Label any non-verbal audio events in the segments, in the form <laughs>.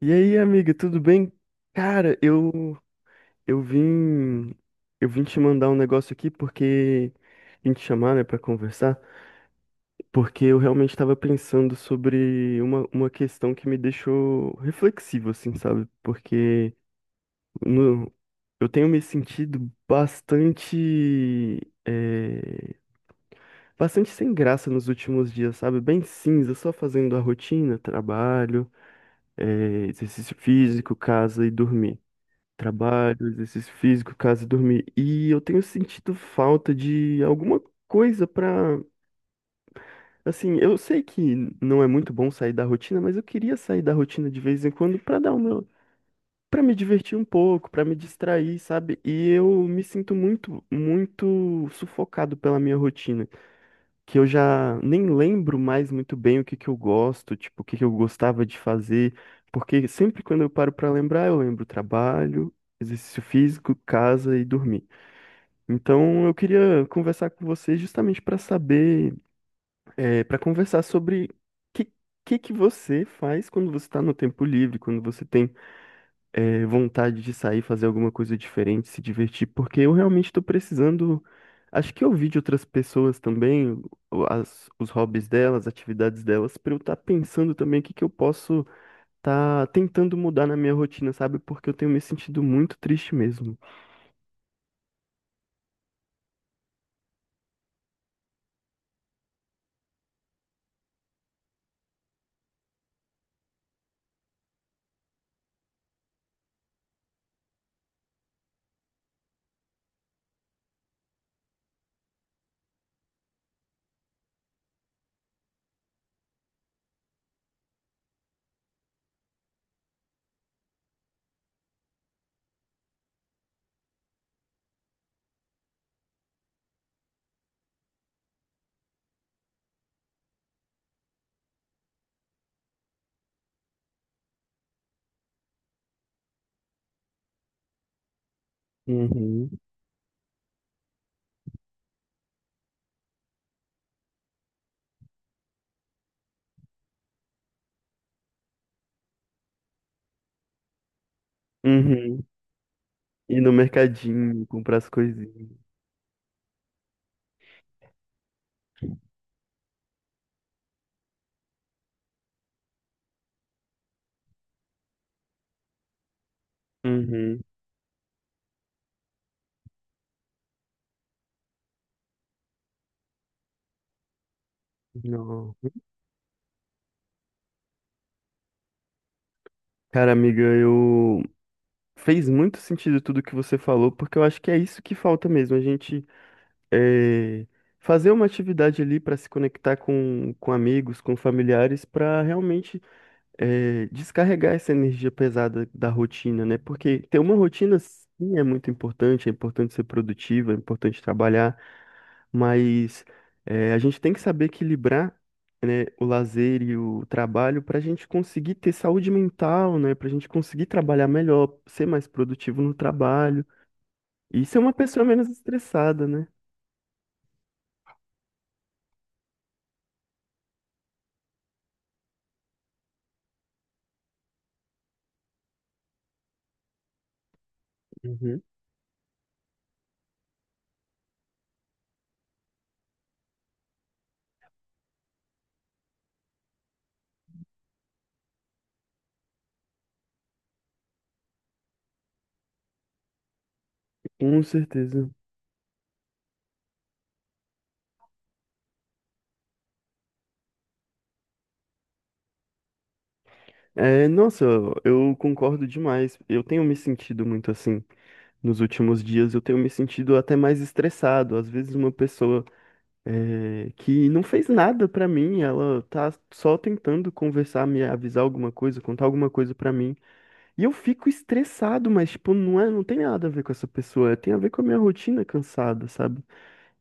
E aí, amiga, tudo bem? Cara, eu vim eu vim te mandar um negócio aqui porque vim te chamar, né, para conversar, porque eu realmente estava pensando sobre uma questão que me deixou reflexivo, assim, sabe? Porque no, eu tenho me sentido bastante bastante sem graça nos últimos dias, sabe? Bem cinza, só fazendo a rotina, trabalho, exercício físico, casa e dormir. Trabalho, exercício físico, casa, dormir. E eu tenho sentido falta de alguma coisa pra. Assim, eu sei que não é muito bom sair da rotina, mas eu queria sair da rotina de vez em quando pra dar o meu, para me divertir um pouco, pra me distrair, sabe? E eu me sinto muito, muito sufocado pela minha rotina que eu já nem lembro mais muito bem o que que eu gosto, tipo, o que que eu gostava de fazer, porque sempre quando eu paro pra lembrar, eu lembro trabalho, exercício físico, casa e dormir. Então, eu queria conversar com você justamente para saber, para conversar sobre que que que você faz quando você está no tempo livre, quando você tem vontade de sair, fazer alguma coisa diferente, se divertir, porque eu realmente estou precisando. Acho que ouvir de outras pessoas também, os hobbies delas, atividades delas, para eu estar pensando também o que que eu posso estar tentando mudar na minha rotina, sabe? Porque eu tenho me sentido muito triste mesmo. Uhum. Uhum. Ir no mercadinho, comprar as coisinhas. Uhum. Não. Cara, amiga, eu. Fez muito sentido tudo que você falou, porque eu acho que é isso que falta mesmo. A gente é, fazer uma atividade ali para se conectar com amigos, com familiares, para realmente descarregar essa energia pesada da rotina, né? Porque ter uma rotina sim é muito importante, é importante ser produtivo, é importante trabalhar, mas a gente tem que saber equilibrar. Né, o lazer e o trabalho para a gente conseguir ter saúde mental, né, para a gente conseguir trabalhar melhor, ser mais produtivo no trabalho e ser uma pessoa menos estressada, né? Uhum. Com certeza. É, nossa, eu concordo demais. Eu tenho me sentido muito assim nos últimos dias. Eu tenho me sentido até mais estressado. Às vezes, uma pessoa que não fez nada pra mim, ela tá só tentando conversar, me avisar alguma coisa, contar alguma coisa pra mim. E eu fico estressado, mas, tipo, não é, não tem nada a ver com essa pessoa. Tem a ver com a minha rotina cansada, sabe?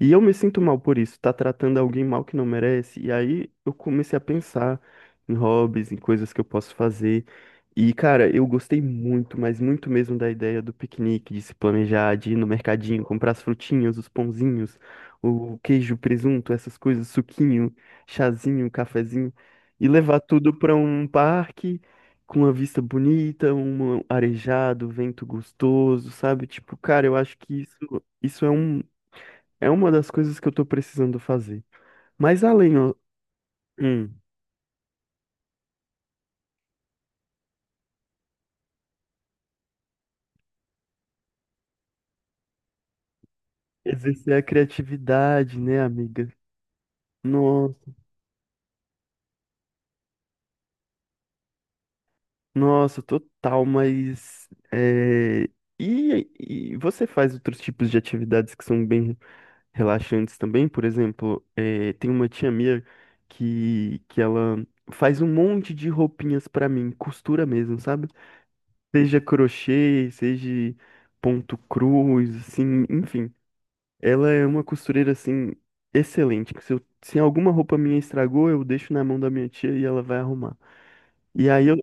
E eu me sinto mal por isso, tá tratando alguém mal que não merece. E aí eu comecei a pensar em hobbies, em coisas que eu posso fazer. E, cara, eu gostei muito, mas muito mesmo da ideia do piquenique, de se planejar, de ir no mercadinho, comprar as frutinhas, os pãozinhos, o queijo, presunto, essas coisas, suquinho, chazinho, cafezinho, e levar tudo pra um parque com uma vista bonita, um arejado, vento gostoso, sabe? Tipo, cara, eu acho que isso é é uma das coisas que eu tô precisando fazer. Mas além, ó, hum, exercer a criatividade, né, amiga? Nossa, nossa, total, mas é, e você faz outros tipos de atividades que são bem relaxantes também? Por exemplo, é, tem uma tia minha que ela faz um monte de roupinhas pra mim, costura mesmo, sabe? Seja crochê, seja ponto cruz, assim, enfim. Ela é uma costureira assim excelente, que se alguma roupa minha estragou, eu deixo na mão da minha tia e ela vai arrumar. E aí eu,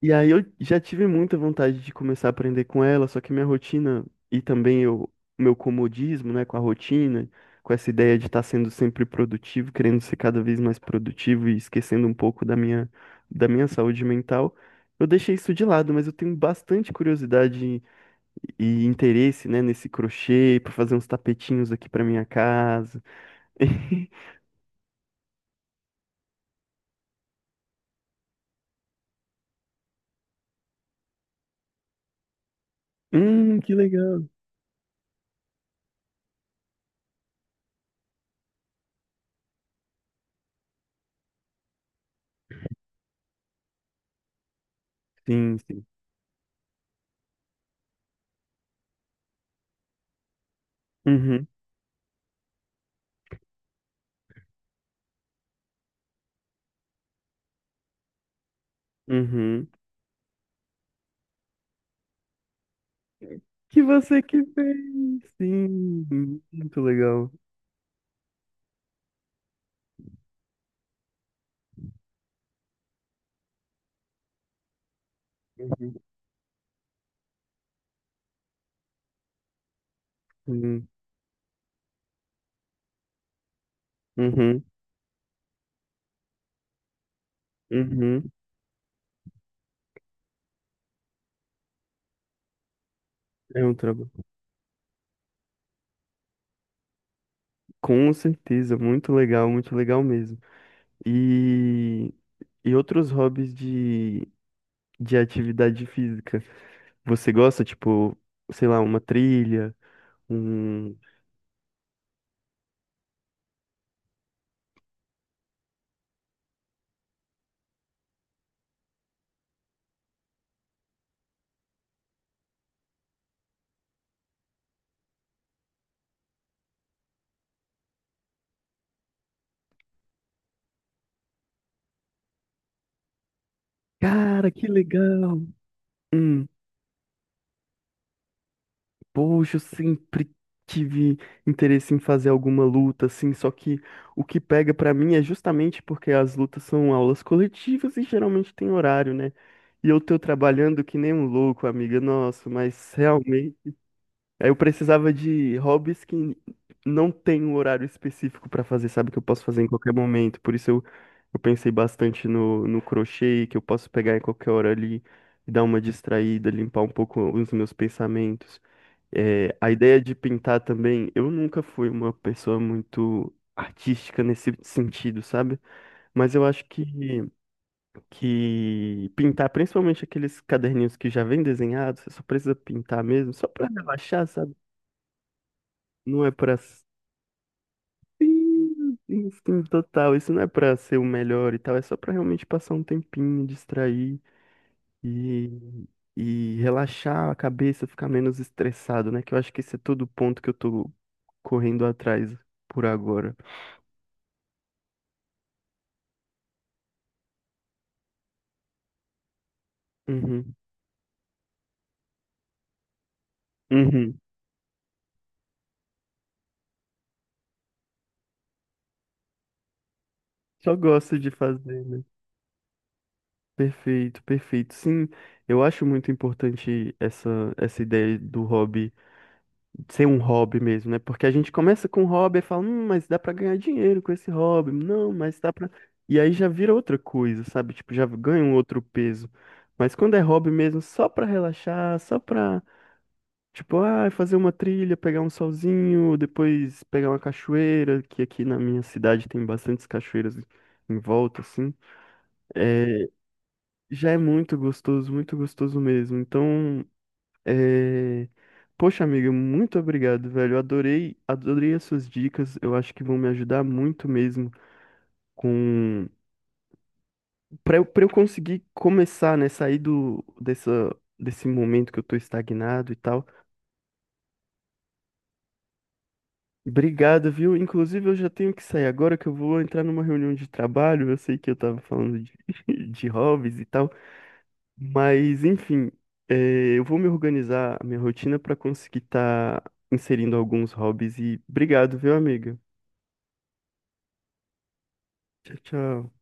e aí eu já tive muita vontade de começar a aprender com ela, só que minha rotina e meu comodismo, né, com a rotina, com essa ideia de estar sendo sempre produtivo, querendo ser cada vez mais produtivo e esquecendo um pouco da minha saúde mental, eu deixei isso de lado, mas eu tenho bastante curiosidade e interesse, né, nesse crochê para fazer uns tapetinhos aqui para minha casa. <laughs> Que legal. Sim, sim. Uhum, uhum. Que você que fez. Sim, muito legal. Uhum, sim. Uhum, uhum. É um trabalho. Com certeza, muito legal mesmo. E, e outros hobbies de atividade física? Você gosta, tipo, sei lá, uma trilha, um Cara, que legal! Hum, poxa, eu sempre tive interesse em fazer alguma luta, assim, só que o que pega pra mim é justamente porque as lutas são aulas coletivas e geralmente tem horário, né? E eu tô trabalhando que nem um louco, amiga, nossa, mas realmente. Aí eu precisava de hobbies que não tem um horário específico pra fazer, sabe? Que eu posso fazer em qualquer momento. Eu pensei bastante no crochê, que eu posso pegar em qualquer hora ali, dar uma distraída, limpar um pouco os meus pensamentos. É, a ideia de pintar também, eu nunca fui uma pessoa muito artística nesse sentido, sabe? Mas eu acho que pintar, principalmente aqueles caderninhos que já vêm desenhados, você só precisa pintar mesmo, só pra relaxar, sabe? Não é pra. Sim, sim, sim, total. Isso não é pra ser o melhor e tal. É só pra realmente passar um tempinho, distrair e, e relaxar a cabeça, ficar menos estressado, né? Que eu acho que esse é todo o ponto que eu tô correndo atrás por agora. Uhum. Uhum. Só gosto de fazer, né? Perfeito, perfeito. Sim, eu acho muito importante essa ideia do hobby. Ser um hobby mesmo, né? Porque a gente começa com um hobby e fala, mas dá pra ganhar dinheiro com esse hobby. Não, mas dá pra. E aí já vira outra coisa, sabe? Tipo, já ganha um outro peso. Mas quando é hobby mesmo, só pra relaxar, só pra, tipo, ah, fazer uma trilha, pegar um solzinho, depois pegar uma cachoeira, que aqui na minha cidade tem bastantes cachoeiras em volta, assim. É, já é muito gostoso mesmo. Então, é... Poxa, amiga, muito obrigado, velho. Eu adorei, adorei as suas dicas. Eu acho que vão me ajudar muito mesmo com para eu conseguir começar, né, sair do dessa desse momento que eu tô estagnado e tal. Obrigado, viu? Inclusive, eu já tenho que sair agora que eu vou entrar numa reunião de trabalho. Eu sei que eu tava falando <laughs> de hobbies e tal, mas enfim, é, eu vou me organizar a minha rotina pra conseguir estar inserindo alguns hobbies e obrigado, viu, amiga? Tchau, tchau.